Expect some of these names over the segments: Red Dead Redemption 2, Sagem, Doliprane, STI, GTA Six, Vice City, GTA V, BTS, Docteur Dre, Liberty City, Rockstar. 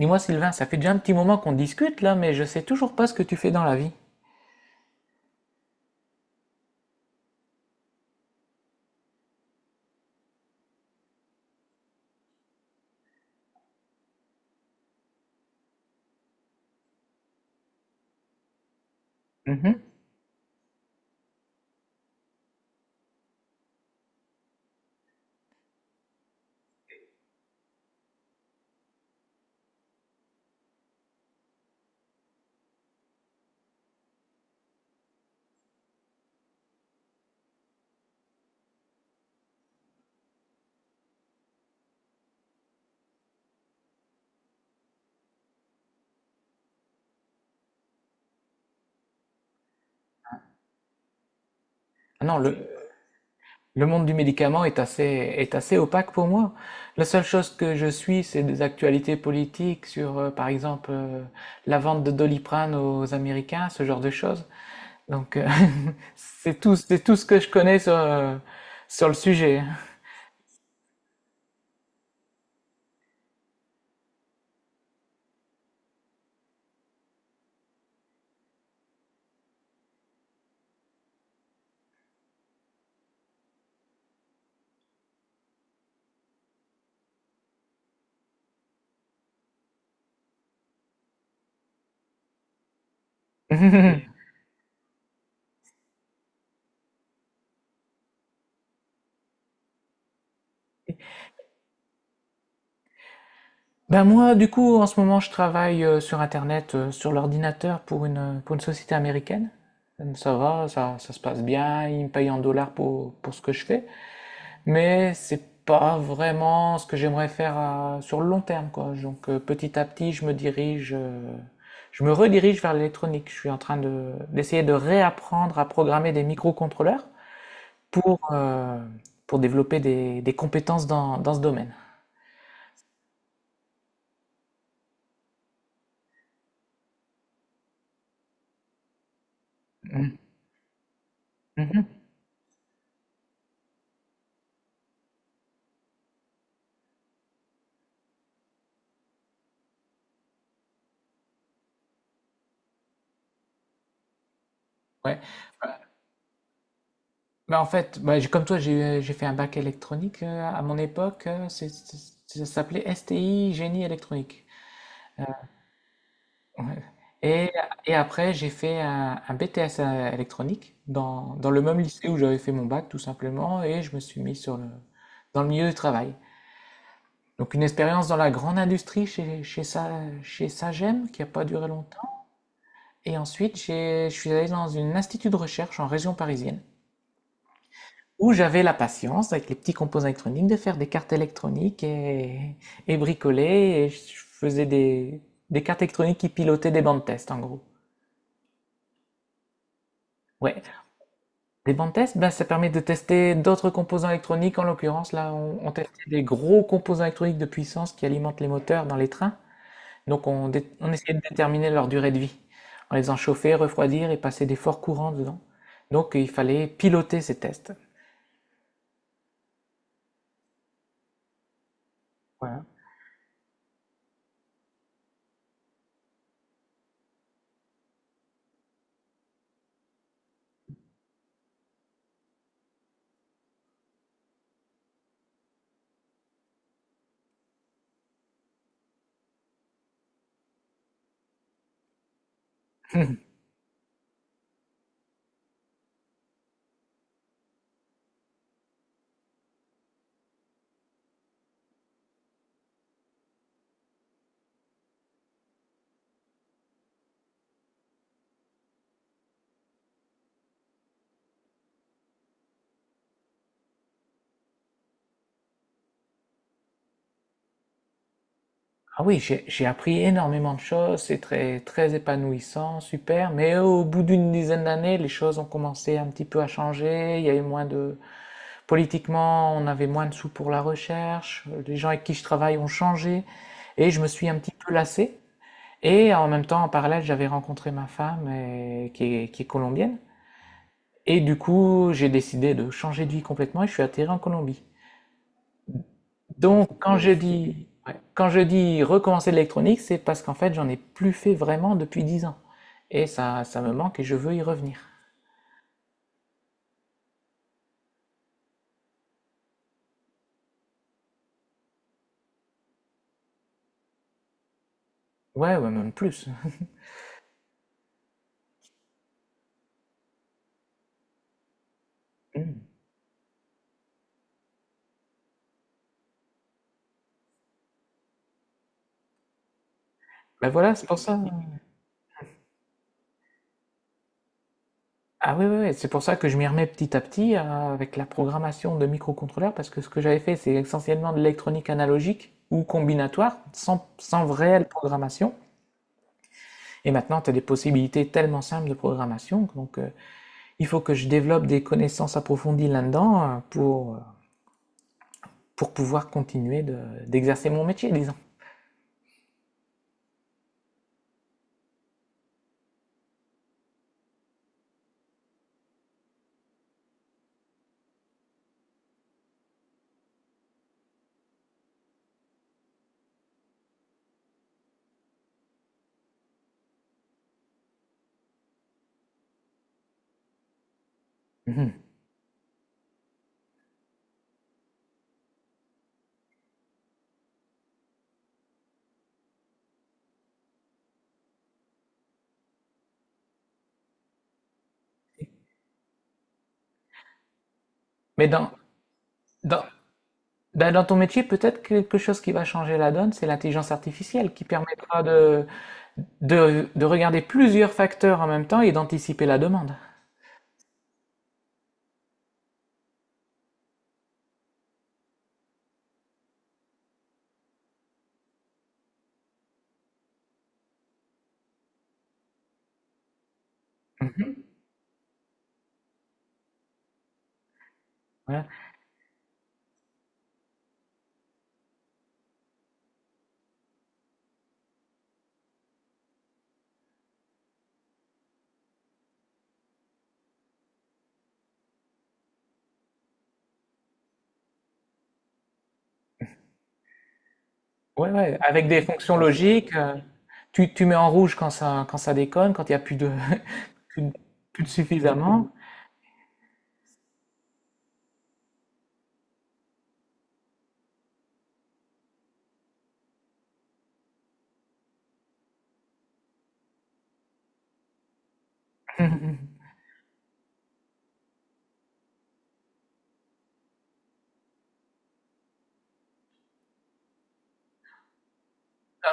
Dis-moi Sylvain, ça fait déjà un petit moment qu'on discute là, mais je sais toujours pas ce que tu fais dans la vie. Mhm. Ah non, le monde du médicament est assez opaque pour moi. La seule chose que je suis, c'est des actualités politiques sur, par exemple, la vente de Doliprane aux Américains, ce genre de choses. Donc, euh, c'est tout ce que je connais sur, sur le sujet. Ben moi, du coup, en ce moment, je travaille sur Internet, sur l'ordinateur pour une société américaine. Ça va, ça se passe bien, ils me payent en dollars pour ce que je fais. Mais c'est pas vraiment ce que j'aimerais faire sur le long terme, quoi. Petit à petit, je me dirige, je me redirige vers l'électronique. Je suis en train de, d'essayer de réapprendre à programmer des microcontrôleurs pour, euh, pour développer des compétences dans, dans ce domaine. Mhm. Mhm. Ouais. Bah, bah, en fait, bah, comme toi, j'ai fait un bac électronique à mon époque. Ça s'appelait STI, génie électronique. Ouais. Et, et après, j'ai fait un BTS électronique dans, dans le même lycée où j'avais fait mon bac, tout simplement, et je me suis mis sur le, dans le milieu du travail. Donc une expérience dans la grande industrie chez, chez, chez Sagem, qui n'a pas duré longtemps. Et ensuite, je suis allé dans un institut de recherche en région parisienne, où j'avais la patience, avec les petits composants électroniques, de faire des cartes électroniques et bricoler. Et je faisais des cartes électroniques qui pilotaient des bancs de test, en gros. Ouais, des bandes tests? Ben, ça permet de tester d'autres composants électroniques. En l'occurrence, là, on testait des gros composants électroniques de puissance qui alimentent les moteurs dans les trains. Donc, on, on essayait de déterminer leur durée de vie en les enchauffant, refroidir et passer des forts courants dedans. Donc, il fallait piloter ces tests. Voilà. Ah oui, j'ai appris énormément de choses, c'est très, très épanouissant, super, mais au bout d'une dizaine d'années, les choses ont commencé un petit peu à changer, il y a eu moins de, politiquement, on avait moins de sous pour la recherche, les gens avec qui je travaille ont changé, et je me suis un petit peu lassé. Et en même temps, en parallèle, j'avais rencontré ma femme qui est colombienne. Et du coup, j'ai décidé de changer de vie complètement et je suis atterri en Colombie. Donc, quand je dis, ouais, quand je dis recommencer l'électronique, c'est parce qu'en fait, j'en ai plus fait vraiment depuis 10 ans. Et ça me manque et je veux y revenir. Ouais, ouais, même plus. Mm. Ben voilà, c'est pour ça. Ah oui, oui, oui, c'est pour ça que je m'y remets petit à petit avec la programmation de microcontrôleurs, parce que ce que j'avais fait, c'est essentiellement de l'électronique analogique ou combinatoire, sans, sans réelle programmation. Et maintenant, tu as des possibilités tellement simples de programmation, il faut que je développe des connaissances approfondies là-dedans pour pouvoir continuer d'exercer mon métier, disons. Mhm. Mais dans, dans, ben, dans ton métier, peut-être quelque chose qui va changer la donne, c'est l'intelligence artificielle qui permettra de regarder plusieurs facteurs en même temps et d'anticiper la demande. Mhm. Ouais. Ouais, ouais, avec des fonctions logiques, tu, tu mets en rouge quand ça déconne, quand il n'y a plus de, plus de, plus de suffisamment. Mhm.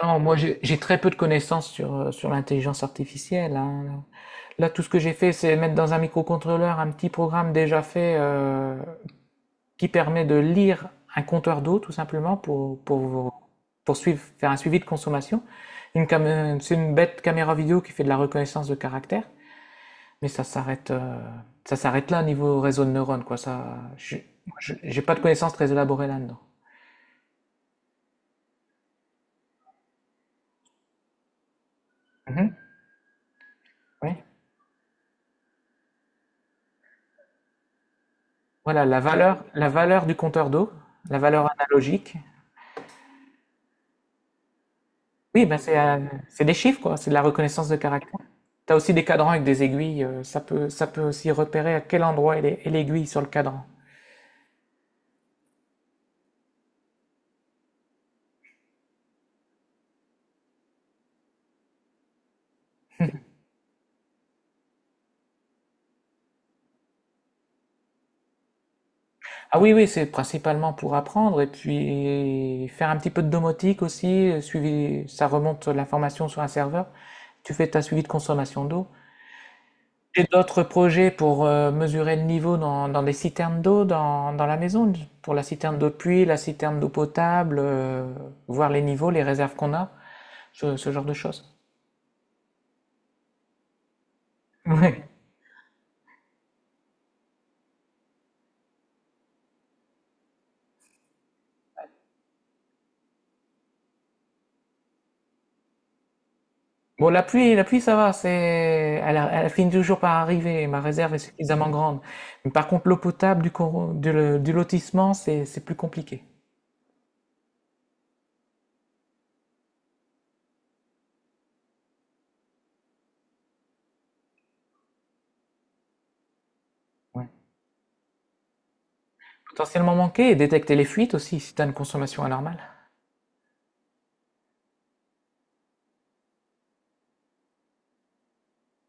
Alors, moi, j'ai très peu de connaissances sur, sur l'intelligence artificielle, hein. Là, tout ce que j'ai fait, c'est mettre dans un microcontrôleur un petit programme déjà fait. Qui permet de lire un compteur d'eau tout simplement pour faire un suivi de consommation. C'est une bête caméra vidéo qui fait de la reconnaissance de caractère, mais ça s'arrête là au niveau réseau de neurones quoi. Ça, j'ai pas de connaissances très élaborées là-dedans. Mhm, oui. Voilà la valeur du compteur d'eau, la valeur analogique. Oui, c'est des chiffres quoi, c'est de la reconnaissance de caractère. T'as aussi des cadrans avec des aiguilles, ça peut aussi repérer à quel endroit est est l'aiguille sur le cadran. Ah oui, oui, c'est principalement pour apprendre et puis faire un petit peu de domotique aussi, suivi, ça remonte l'information sur un serveur. Tu fais ta suivi de consommation d'eau. Et d'autres projets pour mesurer le niveau dans, dans des citernes d'eau dans, dans la maison, pour la citerne d'eau de pluie, la citerne d'eau potable, voir les niveaux, les réserves qu'on a, ce genre de choses. Ouais. Bon, la pluie, ça va, c'est, elle, elle finit toujours par arriver. Ma réserve est suffisamment grande. Mais par contre, l'eau potable du, du lotissement, c'est plus compliqué. Ouais. Potentiellement manquer et détecter les fuites aussi si tu as une consommation anormale.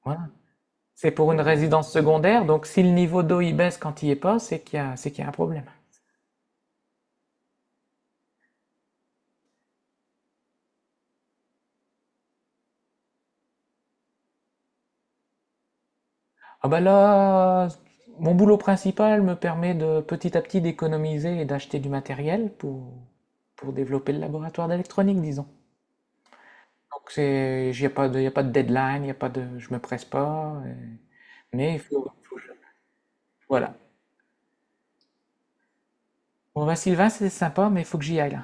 Voilà. C'est pour une résidence secondaire, donc si le niveau d'eau il baisse quand il y est pas, c'est qu'il y a, c'est qu'il y a un problème. Ah bah là, mon boulot principal me permet de petit à petit d'économiser et d'acheter du matériel pour développer le laboratoire d'électronique, disons. Donc c'est, il n'y a pas de, y a pas de deadline, y a pas de, je me presse pas. Mais il faut, faut que voilà. Bon bah Sylvain, c'est sympa, mais il faut que j'y aille là.